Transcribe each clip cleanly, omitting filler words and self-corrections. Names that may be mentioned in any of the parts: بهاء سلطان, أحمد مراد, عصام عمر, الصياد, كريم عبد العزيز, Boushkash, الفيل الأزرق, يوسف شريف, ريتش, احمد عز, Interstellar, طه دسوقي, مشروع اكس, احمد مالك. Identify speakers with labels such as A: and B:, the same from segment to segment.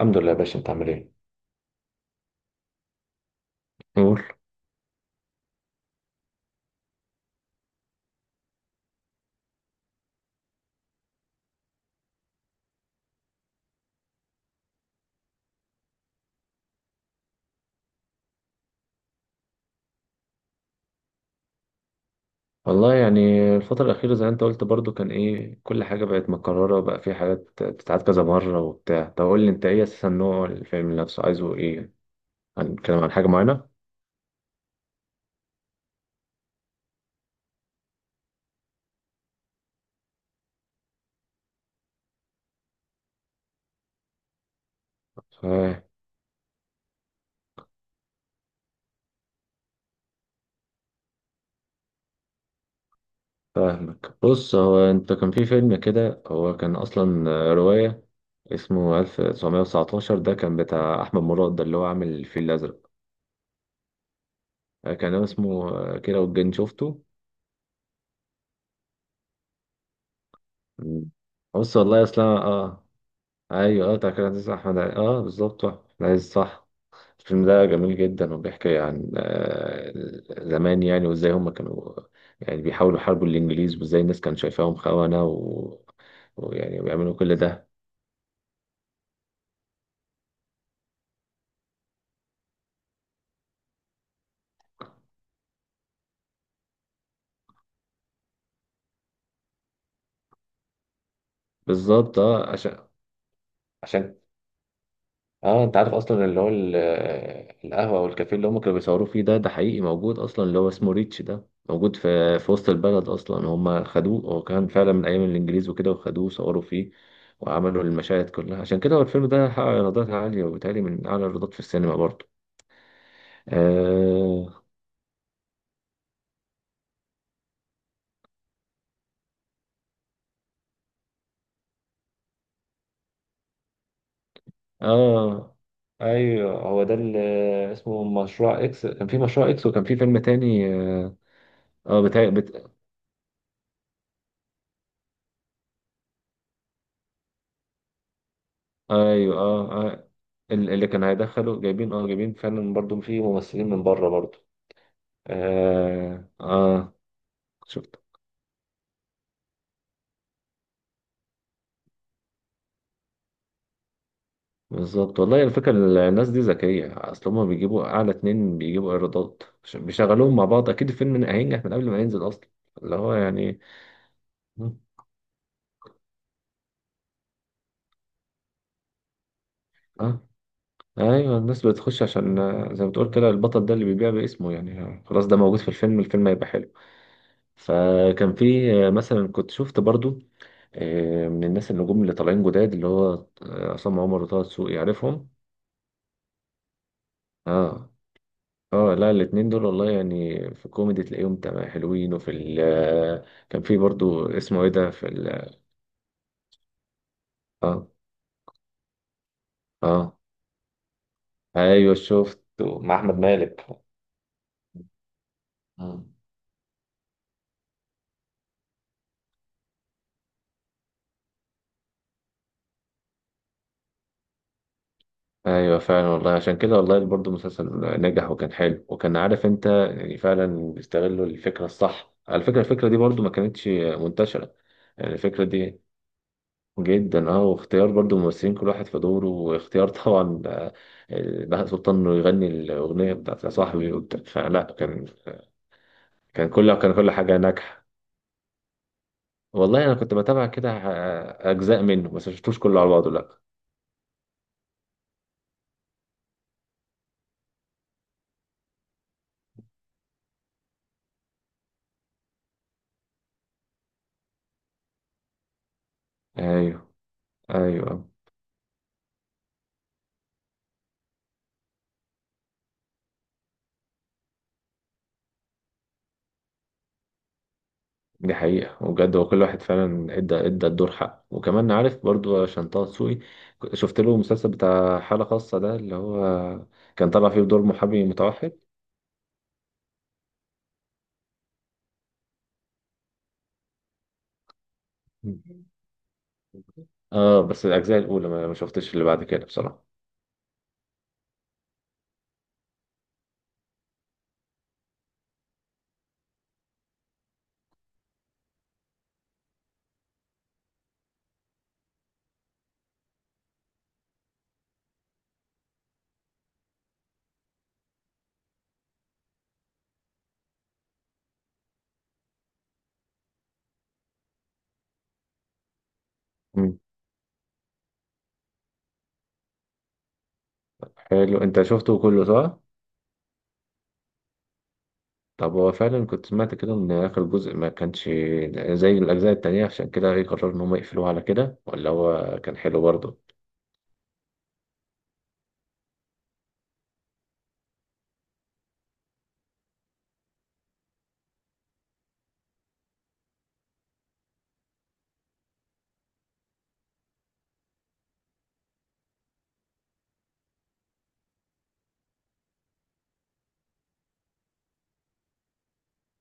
A: الحمد لله يا باشا، انت عامل ايه؟ قول. والله يعني الفترة الأخيرة زي ما انت قلت برضو كان ايه، كل حاجة بقت مكررة، وبقى في حاجات بتتعاد كذا مرة وبتاع. طب قول لي، انت ايه أساسا، نوع الفيلم نفسه عايزه ايه؟ هنتكلم عن حاجة معينة؟ فا- فاهمك. بص، هو انت كان في فيلم كده، هو كان أصلا رواية، اسمه 1919، ده كان بتاع أحمد مراد، ده اللي هو عامل الفيل الأزرق، كان اسمه كده، والجن شفته. بص، والله أصلا، اه. ايوه، اه، بتاع كريم عبد العزيز، احمد عز- اه بالظبط، احمد عز صح. الفيلم ده جميل جدا، وبيحكي عن زمان يعني، وازاي هم كانوا يعني بيحاولوا يحاربوا الانجليز، وازاي الناس كانت شايفاهم خونة ويعني بيعملوا كل ده. بالظبط، عشان اه انت عارف اصلا اللي هو القهوه والكافيه اللي هم كانوا بيصوروا فيه، ده حقيقي موجود اصلا، اللي هو اسمه ريتش، ده موجود في وسط البلد اصلا. هم خدوه، هو كان فعلا من ايام الانجليز وكده، وخدوه وصوروا فيه وعملوا المشاهد كلها، عشان كده هو الفيلم ده حقق ايرادات عاليه، وبالتالي من اعلى الايرادات في السينما برضه. اه. اه، ايوه، هو ده اللي اسمه مشروع اكس، كان في مشروع اكس، وكان في فيلم تاني بتاع. ايوه، اللي كان هيدخله جايبين، جايبين فعلا برضو في ممثلين من بره برضو. اه, آه. شفت. بالظبط، والله الفكرة، الناس دي ذكية، اصل هما بيجيبوا اعلى اتنين بيجيبوا ايرادات عشان بيشغلوهم مع بعض، اكيد الفيلم هينجح من قبل ما ينزل اصلا. اللي هو يعني. اه ايوه، الناس بتخش عشان زي ما بتقول كده، البطل ده اللي بيبيع باسمه يعني، خلاص، ده موجود في الفيلم، الفيلم هيبقى حلو. فكان في مثلا كنت شفت برضو، من الناس النجوم اللي طالعين جداد، اللي هو عصام عمر وطه دسوقي، عارفهم. اه، اه، لا، الاتنين دول والله يعني في الكوميدي تلاقيهم تمام، حلوين، وفي ال آه، كان في برضو اسمه ايه ده في ال. اه، اه، ايوه، شفت مع احمد مالك. مم. ايوه، فعلا والله، عشان كده والله برضو المسلسل نجح وكان حلو، وكان عارف انت، يعني فعلا بيستغلوا الفكره الصح. على فكره، الفكره دي برضو ما كانتش منتشره، يعني الفكره دي جدا، اه. واختيار برضو ممثلين كل واحد في دوره، واختيار طبعا بهاء سلطان انه يغني الاغنيه بتاعت يا صاحبي وبتاع. فلا كان كل حاجه ناجحه. والله انا كنت بتابع كده اجزاء منه، بس ما شفتوش كله على بعضه، لا. ايوه، ايوه. دي حقيقه، وبجد هو كل واحد فعلا ادى ادى الدور حقه. وكمان عارف برضو، عشان طه دسوقي شفت له المسلسل بتاع حاله خاصه ده، اللي هو كان طالع فيه بدور محامي متوحد. اه، بس الاجزاء الاولى ما شفتش اللي بعد كده بصراحه. مم. حلو، انت شفته كله صح؟ طب هو فعلا كنت سمعت كده ان اخر جزء ما كانش زي الاجزاء التانية، عشان كده ايه قرروا ان هم يقفلوه على كده، ولا هو كان حلو برضه؟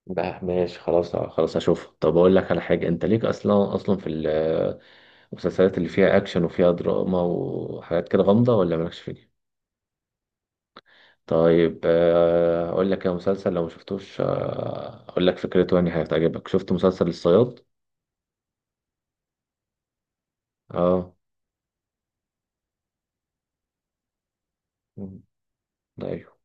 A: بقى ماشي، خلاص خلاص، هشوفه. طب اقول لك على حاجه، انت ليك اصلا اصلا في المسلسلات اللي فيها اكشن وفيها دراما وحاجات كده غامضه، ولا مالكش فيها؟ طيب، اقول لك يا مسلسل لو ما شفتوش، اقول لك فكرته يعني هتعجبك، شفت مسلسل الصياد؟ اه. مم. ايوه.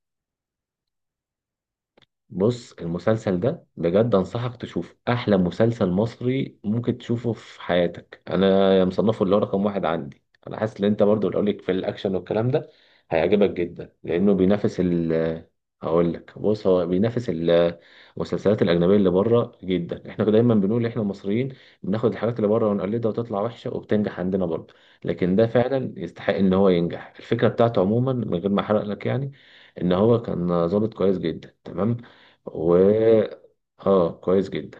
A: بص، المسلسل ده بجد انصحك تشوفه، احلى مسلسل مصري ممكن تشوفه في حياتك، انا مصنفه اللي هو رقم واحد عندي، انا حاسس ان انت برضو اللي لك في الاكشن والكلام ده، هيعجبك جدا، لانه بينافس ال. هقول لك، بص، هو بينافس المسلسلات الاجنبيه اللي بره جدا. احنا دايما بنقول احنا المصريين بناخد الحاجات اللي بره ونقلدها وتطلع وحشه، وبتنجح عندنا برضه، لكن ده فعلا يستحق ان هو ينجح. الفكره بتاعته عموما من غير ما احرق لك يعني، ان هو كان ظابط كويس جدا، تمام. و اه كويس جدا،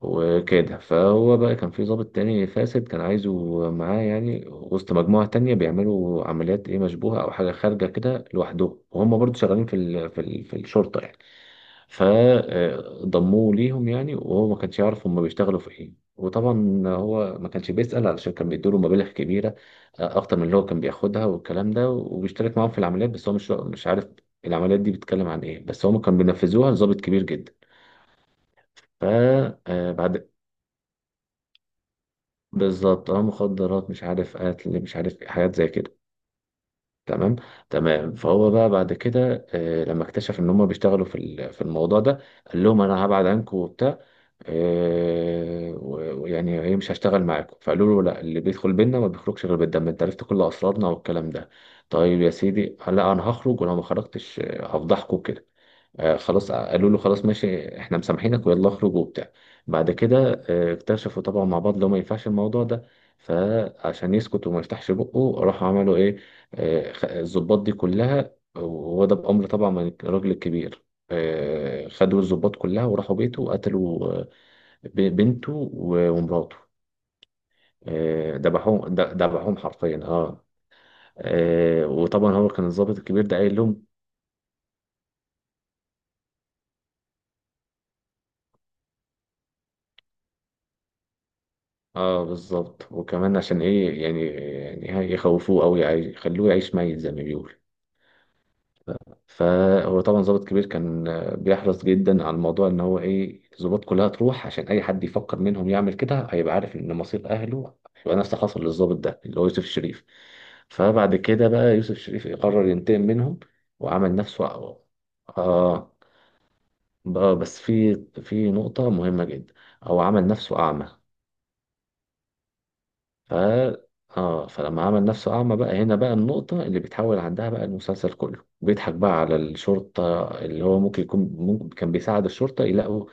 A: وكده. فهو بقى كان في ضابط تاني فاسد كان عايزه معاه يعني، وسط مجموعة تانية بيعملوا عمليات ايه، مشبوهة او حاجة خارجة كده لوحدهم، وهم برضو شغالين في الشرطة يعني. فضموه ليهم يعني، وهو ما كانش يعرف هم بيشتغلوا في ايه، وطبعا هو ما كانش بيسأل، علشان كان بيدوله مبالغ كبيرة اكتر من اللي هو كان بياخدها والكلام ده، وبيشترك معاهم في العمليات، بس هو مش عارف العمليات دي بتتكلم عن ايه، بس هم كانوا بينفذوها لضابط كبير جدا. ف آه، بعد بالظبط، اه، مخدرات، مش عارف قتل، مش عارف إيه، حاجات زي كده. تمام. تمام، فهو بقى بعد كده لما اكتشف ان هم بيشتغلوا في الموضوع ده، قال لهم انا هبعد عنكم وبتاع، ويعني ايه، مش هشتغل معاكم. فقالوا له لا، اللي بيدخل بينا ما بيخرجش غير بالدم، انت عرفت كل اسرارنا والكلام ده. طيب يا سيدي، لا، انا هخرج، ولو ما خرجتش هفضحكم كده. خلاص، قالوا له خلاص ماشي، احنا مسامحينك، ويلا اخرج وبتاع. بعد كده اكتشفوا طبعا مع بعض لو ما ينفعش الموضوع ده، فعشان يسكت وما يفتحش بقه، راحوا عملوا ايه، الضباط دي كلها، وهو ده بأمر طبعا من الراجل الكبير. خدوا الضباط كلها وراحوا بيته، وقتلوا بنته ومراته، ذبحوهم، ذبحوهم حرفيا، اه. وطبعا هو كان الضابط الكبير ده قايل لهم. اه، بالظبط، وكمان عشان ايه يعني، يعني يخوفوه، او يخلوه يعيش ميت زي ما بيقول. فهو طبعا ضابط كبير كان بيحرص جدا على الموضوع، ان هو ايه الضباط كلها تروح، عشان اي حد يفكر منهم يعمل كده هيبقى عارف ان مصير اهله هيبقى نفس اللي حصل للضابط ده اللي هو يوسف شريف. فبعد كده بقى يوسف شريف قرر ينتقم منهم، وعمل نفسه، اه، بس في نقطة مهمة جدا، هو عمل نفسه أعمى. ف اه فلما عمل نفسه أعمى بقى، هنا بقى النقطة اللي بيتحول عندها بقى المسلسل كله، بيضحك بقى على الشرطة، اللي هو ممكن يكون ممكن كان بيساعد الشرطة يلاقوا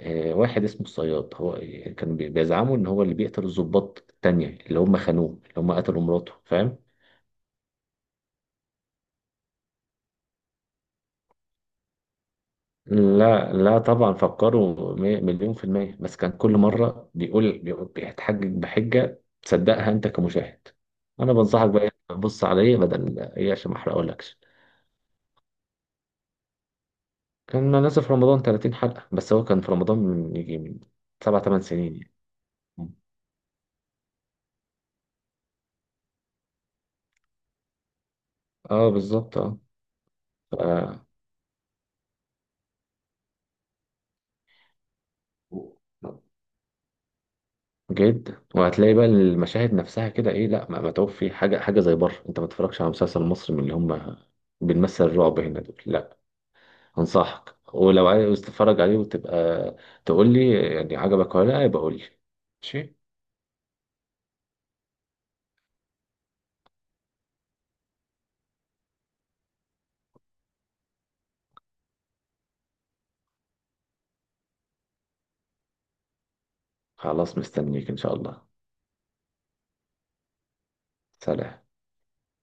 A: واحد اسمه الصياد، هو كان بيزعموا إن هو اللي بيقتل الضباط التانية اللي هم خانوه، اللي هم قتلوا مراته، فاهم؟ لا، لا، طبعا فكروا، مليون في المية، بس كان كل مرة بيقول، بيتحجج بحجة تصدقها أنت كمشاهد. أنا بنصحك بقى، بص عليا بدل إيه عشان ما أحرقهولكش. كنا نازل في رمضان 30 حلقة، بس هو كان في رمضان من يجي، من 7 8 سنين يعني. مم. اه، بالظبط، اه. ف- جدا، وهتلاقي بقى المشاهد نفسها كده، ايه، لا ما متعوب في حاجة زي بره. انت ما تتفرجش على مسلسل مصري من اللي هم بنمثل الرعب هنا دول، لا. انصحك، ولو عايز تتفرج عليه وتبقى تقول لي يعني عجبك ولا لا، يبقى قول لي. ماشي، خلاص، مستنيك ان شاء الله. سلام.